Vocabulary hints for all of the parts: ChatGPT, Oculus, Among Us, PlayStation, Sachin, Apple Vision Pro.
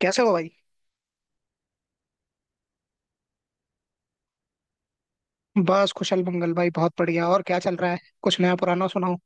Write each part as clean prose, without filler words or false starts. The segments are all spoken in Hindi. कैसे हो भाई। बस कुशल मंगल भाई, बहुत बढ़िया। और क्या चल रहा है? कुछ नया पुराना सुनाओ।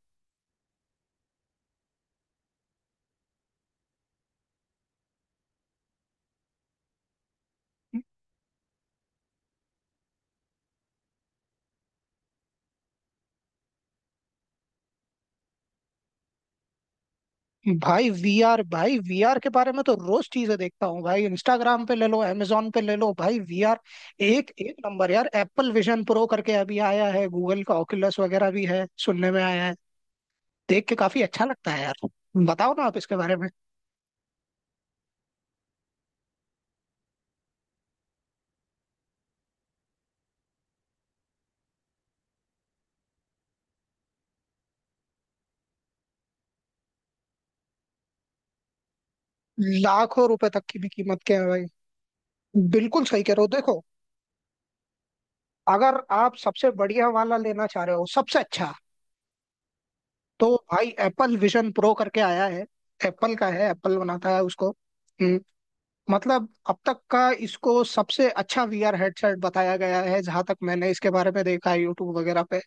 भाई, वीआर के बारे में तो रोज चीजें देखता हूँ भाई। इंस्टाग्राम पे ले लो, amazon पे ले लो भाई। वीआर एक एक नंबर यार। एप्पल विजन प्रो करके अभी आया है। गूगल का ओculus वगैरह भी है, सुनने में आया है। देख के काफी अच्छा लगता है यार। बताओ ना आप इसके बारे में। लाखों रुपए तक की भी कीमत के है भाई? बिल्कुल सही कह रहे हो। देखो, अगर आप सबसे बढ़िया वाला लेना चाह रहे हो, सबसे अच्छा, तो भाई एप्पल विजन प्रो करके आया है। एप्पल का है, एप्पल बनाता है उसको। मतलब अब तक का इसको सबसे अच्छा वीआर हेडसेट बताया गया है, जहां तक मैंने इसके बारे में देखा है यूट्यूब वगैरह पे।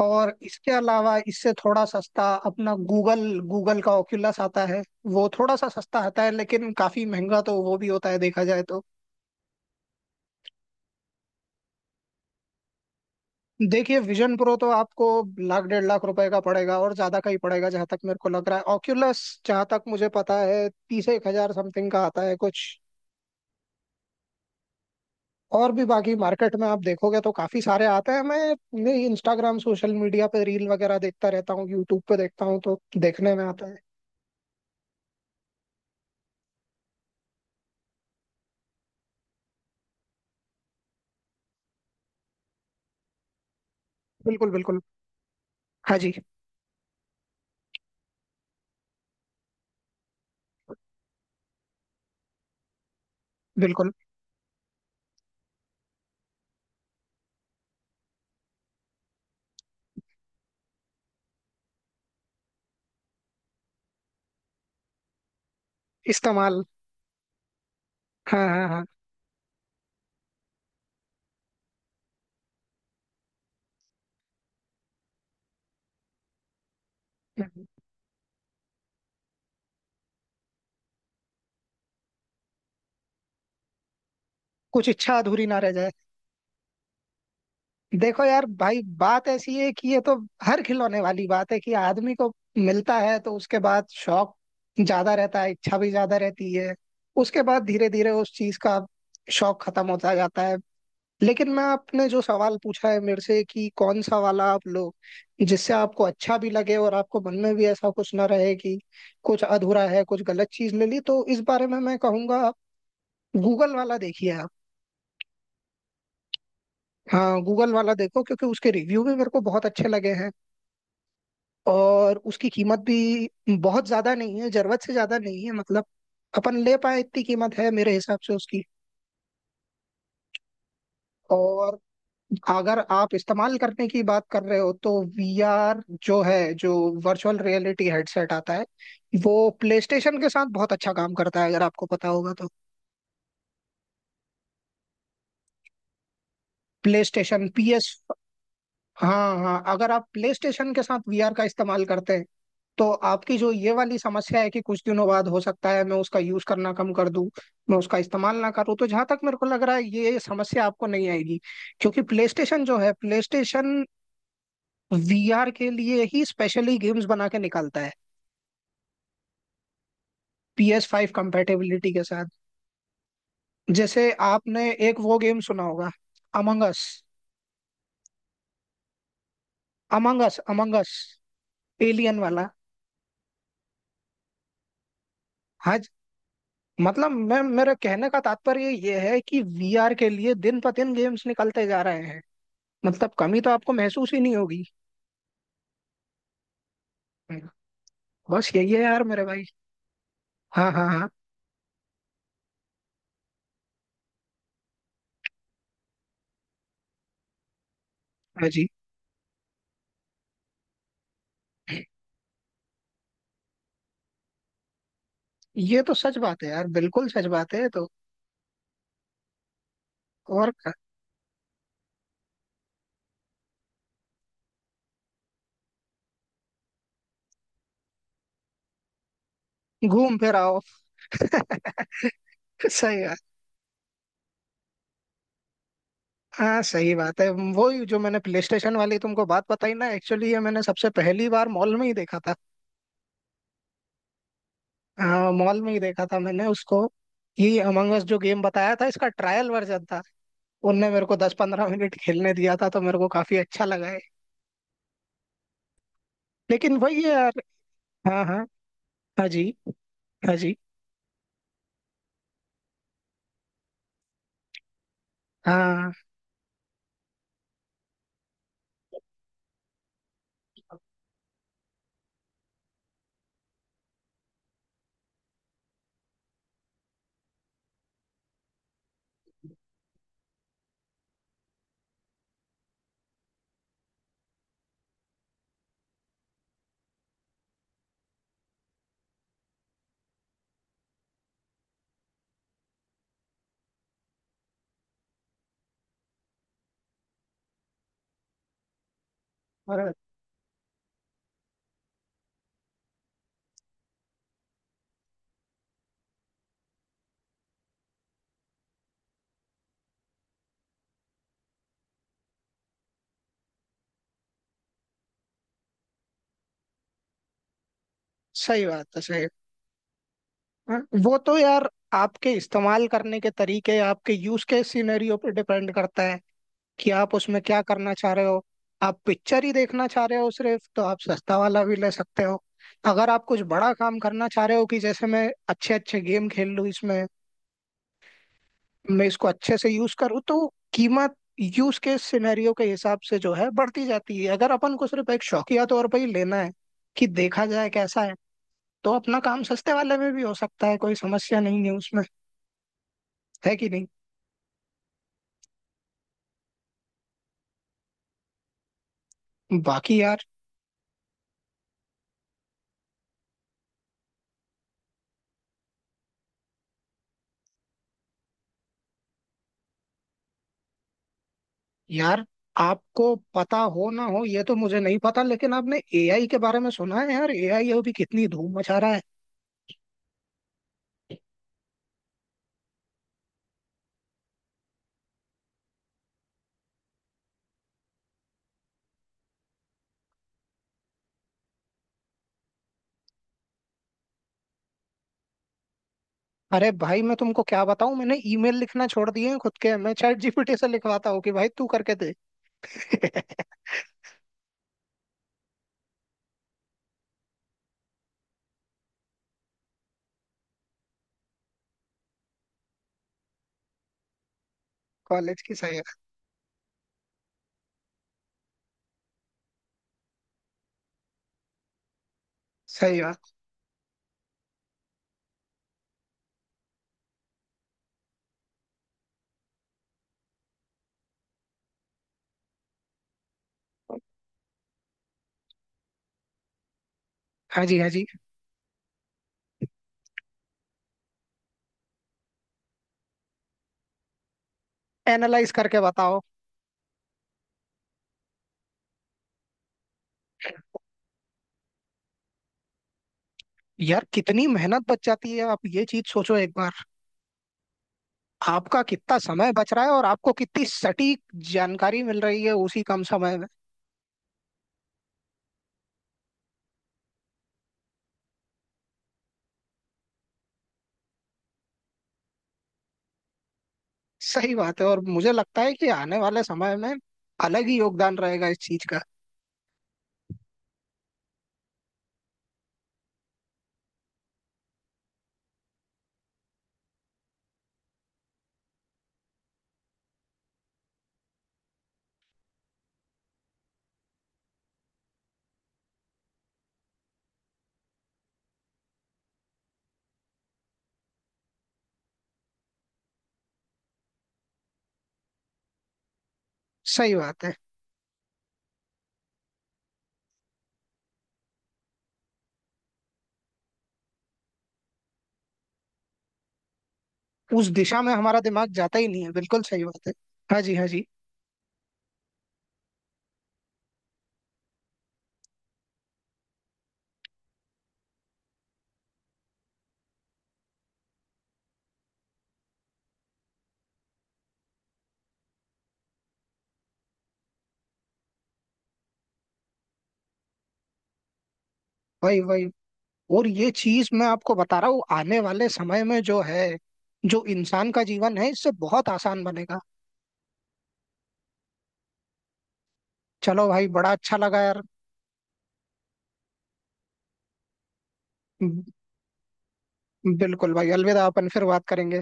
और इसके अलावा इससे थोड़ा सस्ता अपना गूगल, गूगल का ओक्यूलस आता है। वो थोड़ा सा सस्ता आता है, लेकिन काफी महंगा तो वो भी होता है देखा जाए तो। देखिए विजन प्रो तो आपको लाख 1.5 लाख रुपए का पड़ेगा, और ज्यादा का ही पड़ेगा जहां तक मेरे को लग रहा है। ऑक्यूलस जहां तक मुझे पता है 30 एक हजार समथिंग का आता है कुछ। और भी बाकी मार्केट में आप देखोगे तो काफी सारे आते हैं। मैं इंस्टाग्राम सोशल मीडिया पे रील वगैरह देखता रहता हूँ, यूट्यूब पे देखता हूँ, तो देखने में आता है। बिल्कुल बिल्कुल। हाँ जी, बिल्कुल। इस्तेमाल। हाँ हाँ हाँ। कुछ इच्छा अधूरी ना रह जाए। देखो यार भाई, बात ऐसी है कि ये तो हर खिलौने वाली बात है कि आदमी को मिलता है तो उसके बाद शौक ज्यादा रहता है, इच्छा भी ज्यादा रहती है। उसके बाद धीरे धीरे उस चीज का शौक खत्म होता जाता है। लेकिन मैं, आपने जो सवाल पूछा है मेरे से कि कौन सा वाला आप लो, जिससे आपको अच्छा भी लगे और आपको मन में भी ऐसा कुछ ना रहे कि कुछ अधूरा है, कुछ गलत चीज ले ली, तो इस बारे में मैं कहूंगा आप गूगल वाला देखिए। आप, हाँ, गूगल वाला देखो, क्योंकि उसके रिव्यू भी मेरे को बहुत अच्छे लगे हैं और उसकी कीमत भी बहुत ज्यादा नहीं है, जरूरत से ज्यादा नहीं है, मतलब अपन ले पाए इतनी कीमत है मेरे हिसाब से उसकी। और अगर आप इस्तेमाल करने की बात कर रहे हो, तो वीआर जो है, जो वर्चुअल रियलिटी हेडसेट आता है, वो प्लेस्टेशन के साथ बहुत अच्छा काम करता है, अगर आपको पता होगा तो। PlayStation PS. हाँ हाँ, अगर आप प्ले स्टेशन के साथ वीआर का इस्तेमाल करते हैं तो आपकी जो ये वाली समस्या है कि कुछ दिनों बाद हो सकता है मैं उसका यूज करना कम कर दूं, मैं उसका इस्तेमाल ना करूं, तो जहां तक मेरे को लग रहा है ये समस्या आपको नहीं आएगी। क्योंकि प्ले स्टेशन वीआर के लिए ही स्पेशली गेम्स बना के निकालता है, PS5 कंपेटेबिलिटी के साथ। जैसे आपने एक वो गेम सुना होगा, अमंगस। अमंगस अमंगस एलियन वाला। हाँ, मतलब मैं मेरा कहने का तात्पर्य ये है कि वीआर के लिए दिन ब दिन गेम्स निकलते जा रहे हैं, मतलब कमी तो आपको महसूस ही नहीं होगी। बस यही है यार मेरे भाई। हाँ हाँ हाँ। हाँ जी। ये तो सच बात है यार, बिल्कुल सच बात है ये तो। और क्या? घूम फिर आओ। सही बात। हाँ, सही बात है। वही, जो मैंने प्ले स्टेशन वाली तुमको बात बताई ना, एक्चुअली ये मैंने सबसे पहली बार मॉल में ही देखा था। हाँ, मॉल में ही देखा था मैंने उसको। ये अमंगस जो गेम बताया था, इसका ट्रायल वर्जन था। उनने मेरे को 10-15 मिनट खेलने दिया था तो मेरे को काफी अच्छा लगा है। लेकिन वही है यार। हाँ हाँ। हाँ जी। हाँ जी। हाँ। और सही बात है, सही। हाँ, वो तो यार आपके इस्तेमाल करने के तरीके, आपके यूज के सिनेरियो पे डिपेंड करता है कि आप उसमें क्या करना चाह रहे हो। आप पिक्चर ही देखना चाह रहे हो सिर्फ, तो आप सस्ता वाला भी ले सकते हो। अगर आप कुछ बड़ा काम करना चाह रहे हो कि जैसे मैं अच्छे अच्छे गेम खेल लूँ इसमें, मैं इसको अच्छे से यूज करूँ, तो कीमत यूज केस सिनेरियो के हिसाब से जो है बढ़ती जाती है। अगर अपन को सिर्फ एक शौकिया तौर पर ही लेना है कि देखा जाए कैसा है, तो अपना काम सस्ते वाले में भी हो सकता है, कोई समस्या नहीं है उसमें। है कि नहीं? बाकी यार। यार आपको पता हो ना हो ये तो मुझे नहीं पता, लेकिन आपने एआई के बारे में सुना है? यार एआई अभी कितनी धूम मचा रहा है। अरे भाई मैं तुमको क्या बताऊं, मैंने ईमेल लिखना छोड़ दिए हैं खुद के, मैं चैट जीपीटी से लिखवाता हूँ कि भाई तू करके दे। कॉलेज की सही। सही बात। हाँ जी हाँ जी। एनालाइज करके बताओ। यार कितनी मेहनत बच जाती है, आप ये चीज सोचो एक बार। आपका कितना समय बच रहा है और आपको कितनी सटीक जानकारी मिल रही है उसी कम समय में। सही बात है, और मुझे लगता है कि आने वाले समय में अलग ही योगदान रहेगा इस चीज का। सही बात है। उस दिशा में हमारा दिमाग जाता ही नहीं है, बिल्कुल सही बात है। हाँ जी हाँ जी। वही वही। और ये चीज मैं आपको बता रहा हूँ, आने वाले समय में जो है, जो इंसान का जीवन है इससे बहुत आसान बनेगा। चलो भाई, बड़ा अच्छा लगा यार। बिल्कुल भाई, अलविदा। अपन फिर बात करेंगे।